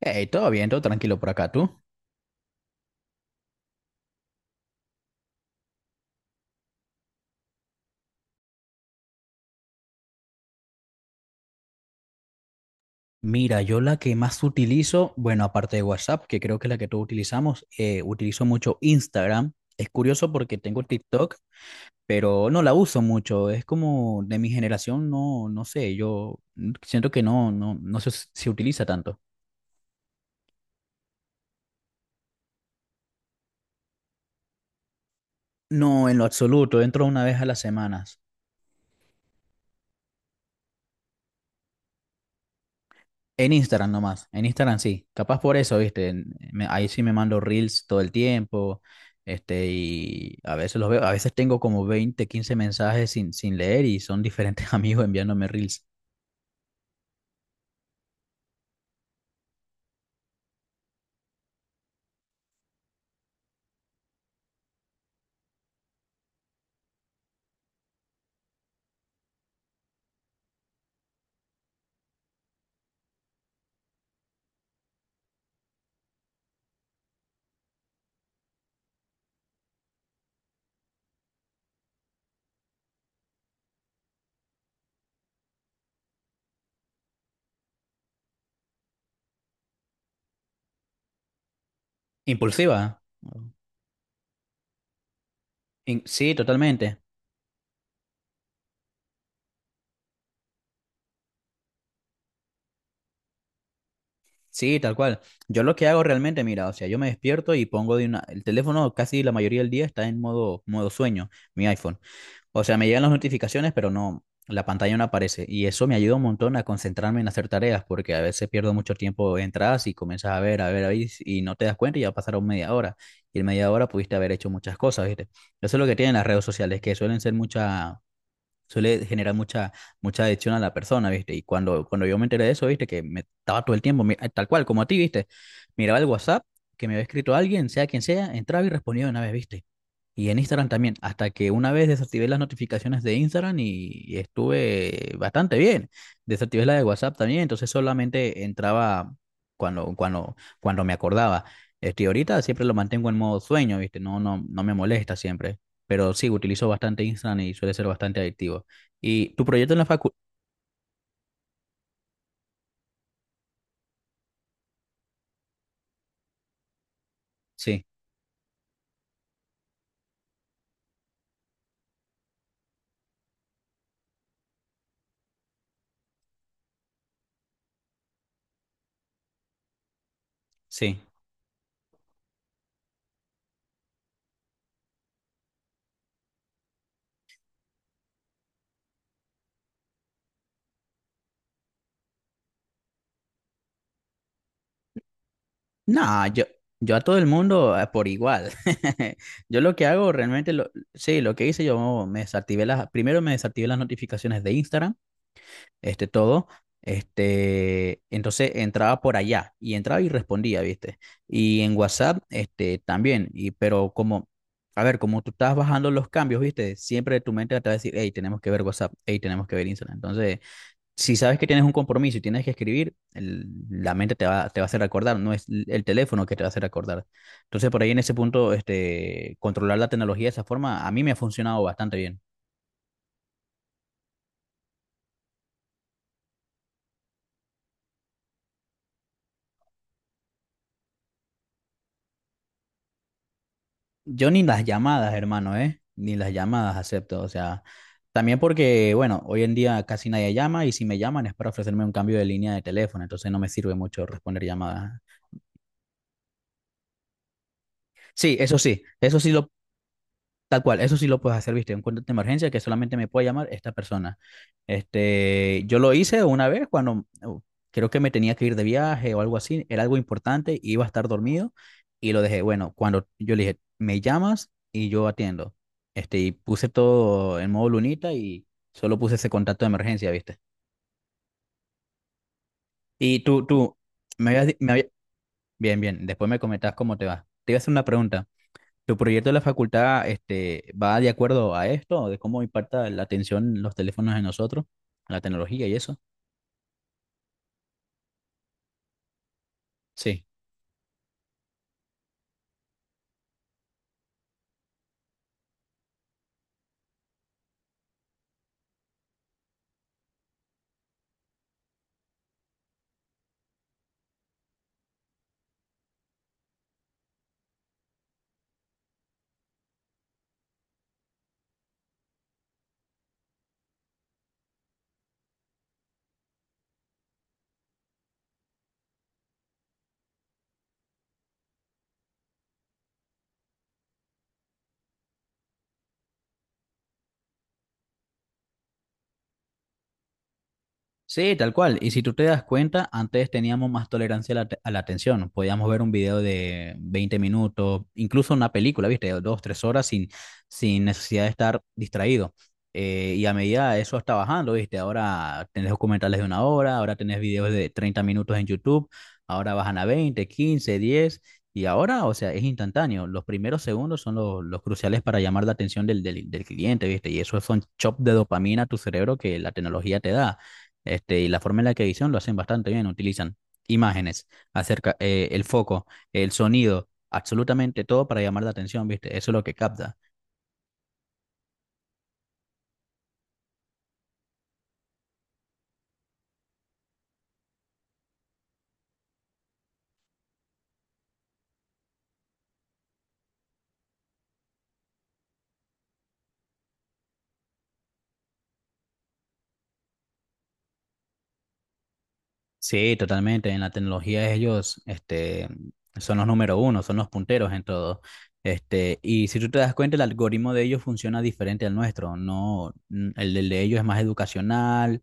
Hey, todo bien, todo tranquilo por acá, tú. Mira, yo la que más utilizo, bueno, aparte de WhatsApp, que creo que es la que todos utilizamos, utilizo mucho Instagram. Es curioso porque tengo TikTok, pero no la uso mucho. Es como de mi generación, no, no sé, yo siento que no se utiliza tanto. No, en lo absoluto, entro una vez a las semanas. En Instagram nomás, en Instagram sí, capaz por eso, viste, ahí sí me mando reels todo el tiempo, y a veces los veo, a veces tengo como 20 15 mensajes sin leer y son diferentes amigos enviándome reels. Impulsiva, ¿no? Sí, totalmente. Sí, tal cual. Yo lo que hago realmente, mira, o sea, yo me despierto y pongo de una, el teléfono casi la mayoría del día está en modo sueño, mi iPhone. O sea, me llegan las notificaciones, pero no, la pantalla no aparece. Y eso me ayuda un montón a concentrarme en hacer tareas, porque a veces pierdo mucho tiempo, entras y comienzas a ver, a ver, a ver, y no te das cuenta y ya pasaron media hora. Y en media hora pudiste haber hecho muchas cosas, ¿viste? Eso es lo que tienen las redes sociales, que suele generar mucha adicción a la persona, ¿viste? Y cuando yo me enteré de eso, ¿viste? Que me estaba todo el tiempo, tal cual, como a ti, ¿viste? Miraba el WhatsApp, que me había escrito alguien, sea quien sea, entraba y respondía de una vez, ¿viste? Y en Instagram también, hasta que una vez desactivé las notificaciones de Instagram y estuve bastante bien. Desactivé la de WhatsApp también, entonces solamente entraba cuando me acordaba. Ahorita siempre lo mantengo en modo sueño, ¿viste? No, no, no me molesta siempre. Pero sí, utilizo bastante Instagram y suele ser bastante adictivo. ¿Y tu proyecto en la facu? Sí, sí. No, yo a todo el mundo por igual. Yo lo que hago realmente, sí, lo que hice, yo me desactivé las, primero me desactivé las notificaciones de Instagram, todo, entonces entraba por allá y entraba y respondía, ¿viste? Y en WhatsApp, también, pero como, a ver, como tú estás bajando los cambios, ¿viste? Siempre tu mente te va a decir, hey, tenemos que ver WhatsApp, hey, tenemos que ver Instagram. Entonces, si sabes que tienes un compromiso y tienes que escribir, la mente te va a hacer recordar, no es el teléfono que te va a hacer recordar. Entonces, por ahí en ese punto, controlar la tecnología de esa forma, a mí me ha funcionado bastante bien. Yo ni las llamadas, hermano, ¿eh? Ni las llamadas acepto. O sea, también porque, bueno, hoy en día casi nadie llama y si me llaman es para ofrecerme un cambio de línea de teléfono, entonces no me sirve mucho responder llamadas. Sí, eso sí, eso sí lo... Tal cual, eso sí lo puedes hacer, viste, un contacto de emergencia que solamente me puede llamar esta persona. Yo lo hice una vez cuando creo que me tenía que ir de viaje o algo así, era algo importante, iba a estar dormido y lo dejé. Bueno, cuando yo le dije, me llamas y yo atiendo. Y puse todo en modo lunita y solo puse ese contacto de emergencia, viste. Y me habías, di- me había- bien, bien, después me comentabas cómo te va. Te iba a hacer una pregunta. ¿Tu proyecto de la facultad, va de acuerdo a esto, de cómo impacta la atención los teléfonos en nosotros, la tecnología y eso? Sí. Sí, tal cual. Y si tú te das cuenta, antes teníamos más tolerancia a a la atención. Podíamos ver un video de 20 minutos, incluso una película, ¿viste? De 2, 3 horas sin necesidad de estar distraído. Y a medida de eso está bajando, ¿viste? Ahora tenés documentales de una hora, ahora tenés videos de 30 minutos en YouTube, ahora bajan a 20, 15, 10. Y ahora, o sea, es instantáneo. Los primeros segundos son los cruciales para llamar la atención del cliente, ¿viste? Y eso son chops de dopamina a tu cerebro que la tecnología te da. Y la forma en la que edición lo hacen bastante bien, utilizan imágenes, acerca, el foco, el sonido, absolutamente todo para llamar la atención, ¿viste? Eso es lo que capta. Sí, totalmente. En la tecnología ellos, son los número uno, son los punteros en todo. Y si tú te das cuenta, el algoritmo de ellos funciona diferente al nuestro. No, el del de ellos es más educacional,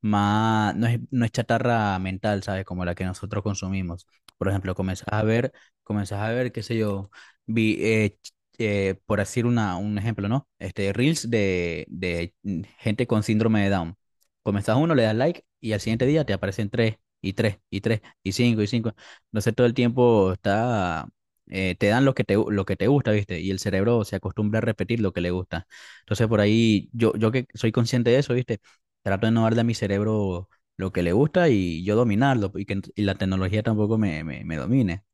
más, no es chatarra mental, ¿sabes? Como la que nosotros consumimos. Por ejemplo, comenzás a ver, qué sé yo, por decir un ejemplo, ¿no? Reels de gente con síndrome de Down. Comenzás uno, le das like y al siguiente día te aparecen tres y tres, y tres, y cinco, y cinco. Entonces todo el tiempo está, te dan lo que lo que te gusta, ¿viste? Y el cerebro se acostumbra a repetir lo que le gusta. Entonces por ahí, yo que soy consciente de eso, ¿viste? Trato de no darle a mi cerebro lo que le gusta y yo dominarlo, y la tecnología tampoco me domine.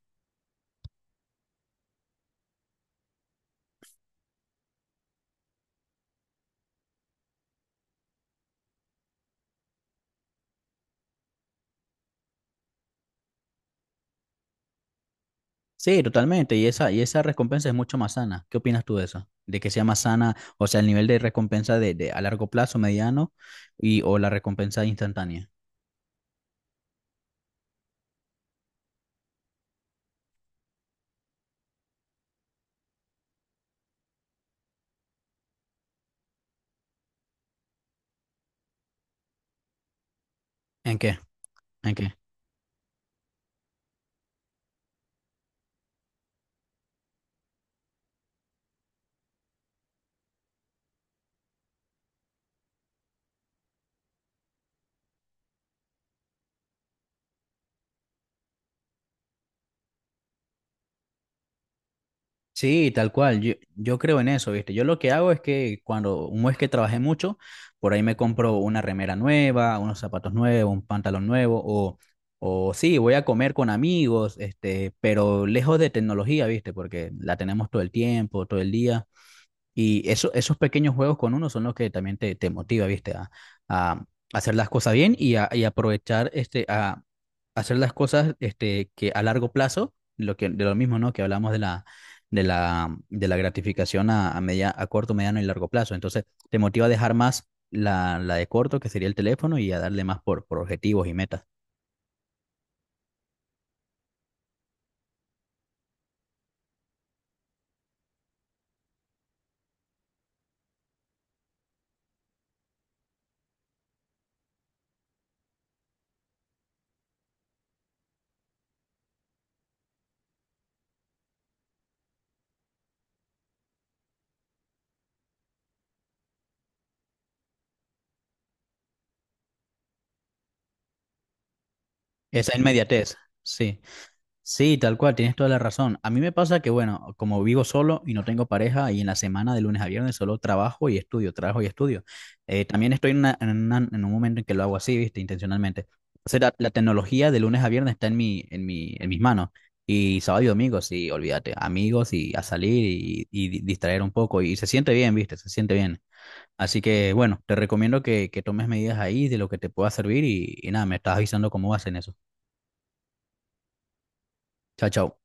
Sí, totalmente, y esa recompensa es mucho más sana. ¿Qué opinas tú de eso? De que sea más sana, o sea, el nivel de recompensa de a largo plazo, mediano, o la recompensa instantánea. ¿En qué? ¿En qué? Sí, tal cual. Yo creo en eso, ¿viste? Yo lo que hago es que cuando un mes que trabajé mucho, por ahí me compro una remera nueva, unos zapatos nuevos, un pantalón nuevo, o, sí, voy a comer con amigos, pero lejos de tecnología, ¿viste? Porque la tenemos todo el tiempo, todo el día. Y esos pequeños juegos con uno son los que también te motiva, ¿viste? A hacer las cosas bien y aprovechar, a hacer las cosas, que a largo plazo, de lo mismo, ¿no? Que hablamos de la gratificación a corto, mediano y largo plazo. Entonces, te motiva a dejar más la de corto, que sería el teléfono, y a darle más por objetivos y metas. Esa inmediatez, sí. Sí, tal cual, tienes toda la razón. A mí me pasa que, bueno, como vivo solo y no tengo pareja y en la semana de lunes a viernes solo trabajo y estudio, trabajo y estudio. También estoy en un momento en que lo hago así, viste, intencionalmente. O sea, la tecnología de lunes a viernes está en mis manos. Y sábado y domingo, sí, olvídate, amigos y a salir distraer un poco. Y se siente bien, viste, se siente bien. Así que, bueno, te recomiendo que tomes medidas ahí de lo que te pueda servir y nada, me estás avisando cómo vas en eso. Chao, chao.